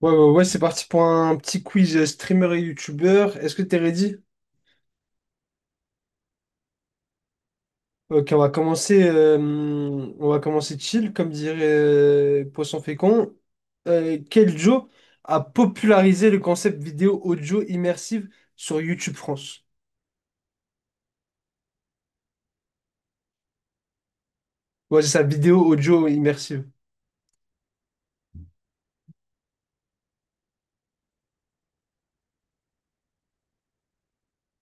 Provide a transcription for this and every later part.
Ouais, ouais, ouais, c'est parti pour un petit quiz streamer et youtubeur. Est-ce que t'es ready? Ok, on va commencer chill, comme dirait Poisson Fécond. Quel Joe a popularisé le concept vidéo audio immersive sur YouTube France? Ouais, c'est ça, vidéo audio immersive.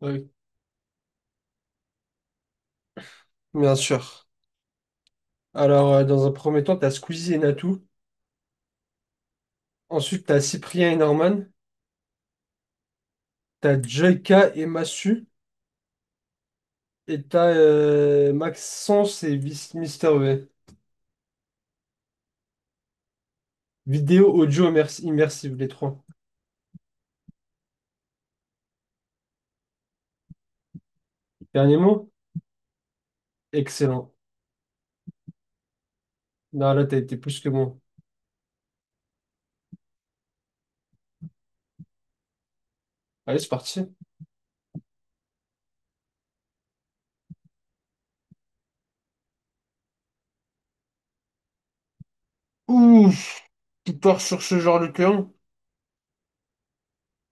Oui, bien sûr. Alors, dans un premier temps, t'as Squeezie et Natou. Ensuite, t'as Cyprien et Norman. T'as Joyka et Massu. Et t'as Maxence et Mister V. Vidéo, audio, immersive, les trois. Dernier mot? Excellent. Non, là, t'as été plus que bon. Allez, c'est parti. Ouf! Tu pars sur ce genre de terrain.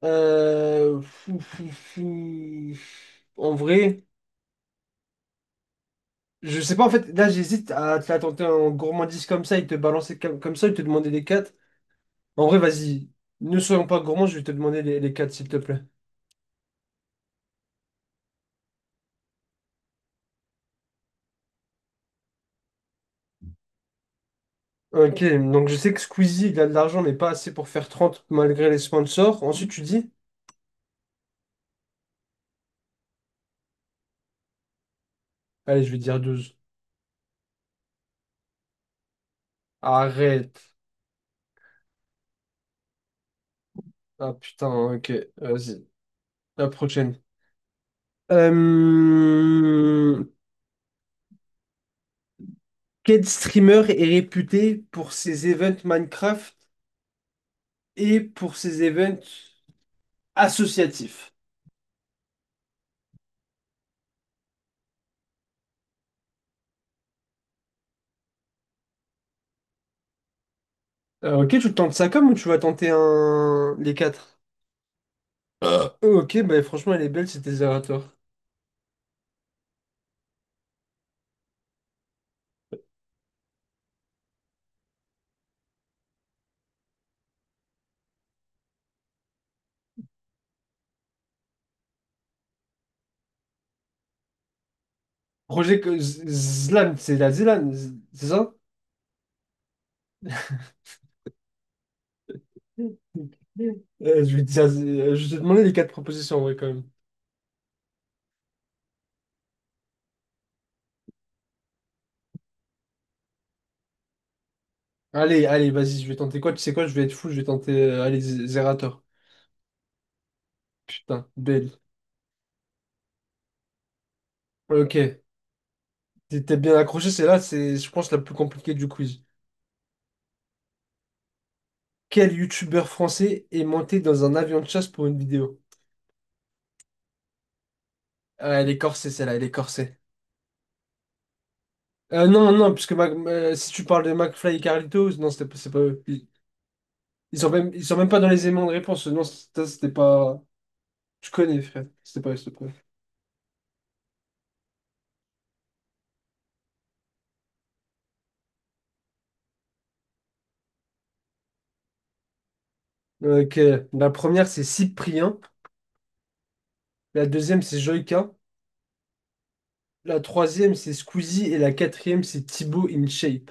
Fou, fou, fou. En vrai, je sais pas, en fait, là, j'hésite à te la tenter en gourmandise comme ça et te balancer comme, comme ça et te demander les quatre. En vrai, vas-y, ne soyons pas gourmands, je vais te demander les quatre, s'il te plaît. Ok, donc je sais que Squeezie, il a de l'argent, mais pas assez pour faire 30 malgré les sponsors. Ensuite, tu dis? Allez, je vais dire 12. Arrête. Ah putain, ok. Vas-y. La prochaine. Euh, Quel streamer est réputé pour ses events Minecraft et pour ses events associatifs? Ok, tu tentes ça comme ou tu vas tenter un... les quatre? Ok, bah franchement, elle est belle, c'était Zerator. Projet que Zlan, c'est la Zlan, Z- c'est ça? Je vais te demander les quatre propositions, en vrai quand même. Allez, allez, vas-y, je vais tenter quoi? Tu sais quoi? Je vais être fou, je vais tenter. Allez, Zerator. Putain, belle. Ok, t'es bien accroché, c'est là, c'est, je pense, la plus compliquée du quiz. Quel youtubeur français est monté dans un avion de chasse pour une vidéo? Ah, elle est corsée, celle-là, elle est corsée. Non, non, puisque si tu parles de McFly et Carlitos, non, c'est pas eux. Ils sont même pas dans les aimants de réponse. Non, c'était pas. Tu connais, frère. C'était pas eux, c'était pas eux. Ok, la première, c'est Cyprien. La deuxième, c'est Joyka. La troisième, c'est Squeezie. Et la quatrième, c'est Thibaut InShape.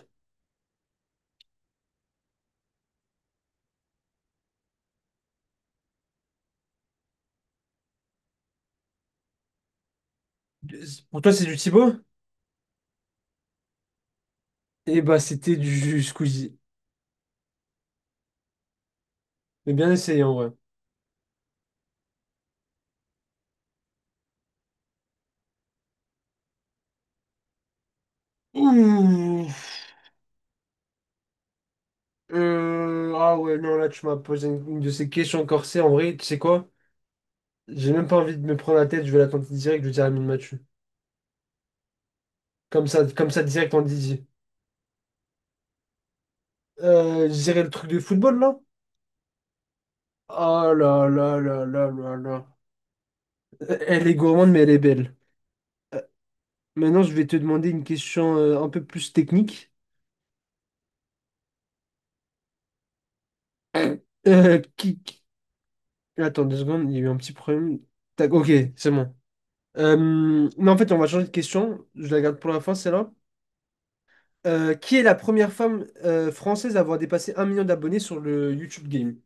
Pour toi, c'est du Thibaut? Eh bah, c'était du Squeezie. Mais bien essayé, en vrai. Ouh. Ah ouais, non, là, tu m'as posé une de ces questions corsées. En vrai, tu sais quoi? J'ai même pas envie de me prendre la tête. Je vais la tenter direct. Je vais dire Amine Mathieu. Comme ça, direct en Didier. Je dirais le truc de football, là? Ah là là là là là là. Elle est gourmande, mais elle est belle. Maintenant, je vais te demander une question un peu plus technique. Euh, qui, Attends deux secondes, il y a eu un petit problème. Tac, ok, c'est bon. Euh, non, en fait, on va changer de question. Je la garde pour la fin, celle-là. Qui est la première femme française à avoir dépassé un million d'abonnés sur le YouTube Game?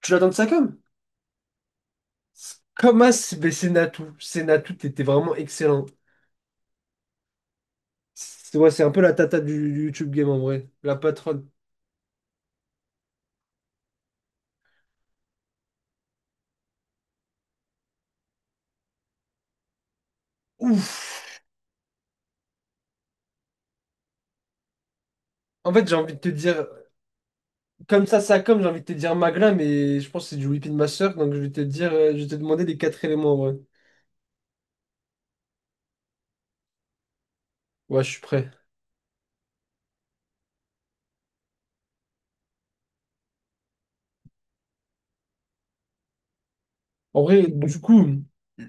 Tu l'attends de ça comme? Comme mais c'est Natou. C'est Natou, t'étais vraiment excellent. C'est ouais, c'est un peu la tata du YouTube Game en vrai. La patronne. Ouf! En fait, j'ai envie de te dire, comme ça comme, j'ai envie de te dire Magla, mais je pense que c'est du Whipping Master, donc je vais te dire, je vais te demander les quatre éléments en vrai. Ouais, je suis prêt. En vrai, bon, du coup,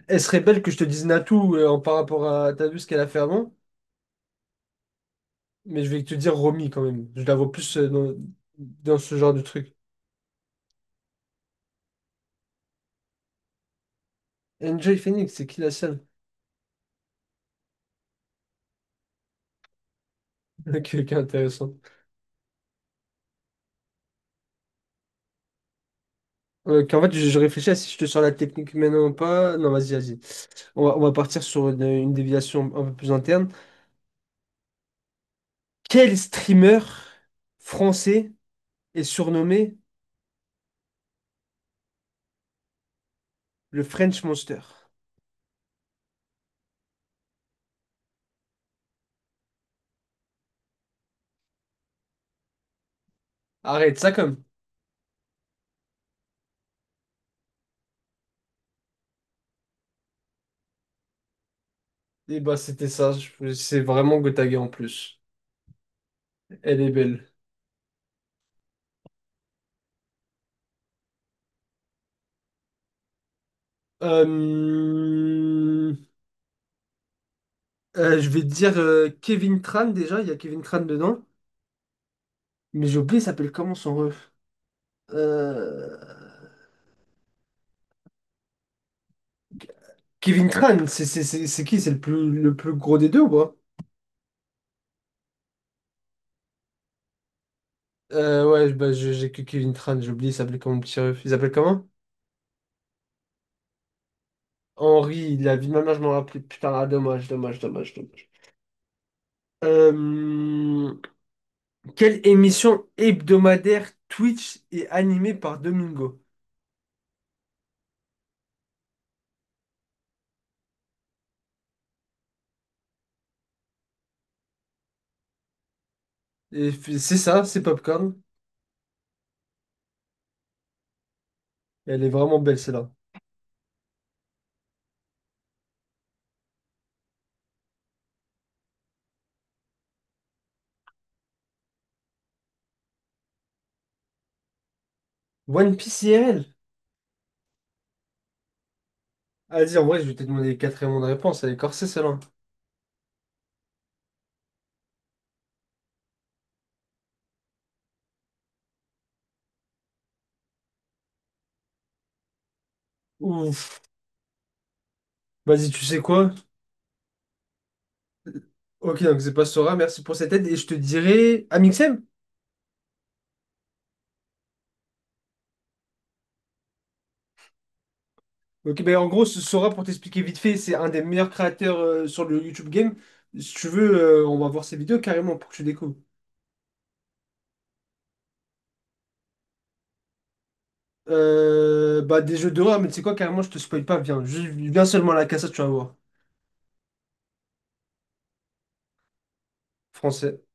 elle serait belle que je te dise Natou par rapport à... T'as vu ce qu'elle a fait avant? Mais je vais te dire Romy quand même. Je la vois plus dans ce genre de truc. Enjoy Phoenix, c'est qui la seule? Ok, ok, intéressant. Je réfléchis à si je te sors la technique maintenant ou pas. Non, vas-y, vas-y. On va partir sur une déviation un peu plus interne. Quel streamer français est surnommé le French Monster? Arrête, ça comme. Et bah, c'était ça. C'est vraiment Gotaga en plus. Elle est belle. Euh, je vais te dire Kevin Tran déjà, il y a Kevin Tran dedans, mais j'ai oublié, il s'appelle comment son ref? Euh, Kevin Tran, c'est qui? C'est le plus gros des deux ou pas? Ouais, bah, j'ai que Kevin Tran, j'ai oublié, il s'appelait comment le petit ref? Il s'appelle comment? Henri, la vie de ma mère, je m'en rappelais. Putain, ah, dommage, dommage, dommage, dommage. Euh, quelle émission hebdomadaire Twitch est animée par Domingo? C'est ça, c'est Popcorn. Elle est vraiment belle celle-là. One Piece IRL? Vas-y, en vrai, je vais te demander les quatre éléments de réponse. Elle est corsée, celle-là. Ouf. Vas-y, tu sais quoi? Ok, donc c'est pas Sora. Merci pour cette aide. Et je te dirai... Amixem? Ok, ben en gros, ce Sora, pour t'expliquer vite fait, c'est un des meilleurs créateurs sur le YouTube Game. Si tu veux, on va voir ses vidéos carrément pour que tu découvres. Bah, des jeux d'horreur, mais tu sais quoi, carrément, je te spoil pas. Viens, viens seulement à la cassette, tu vas voir. Français.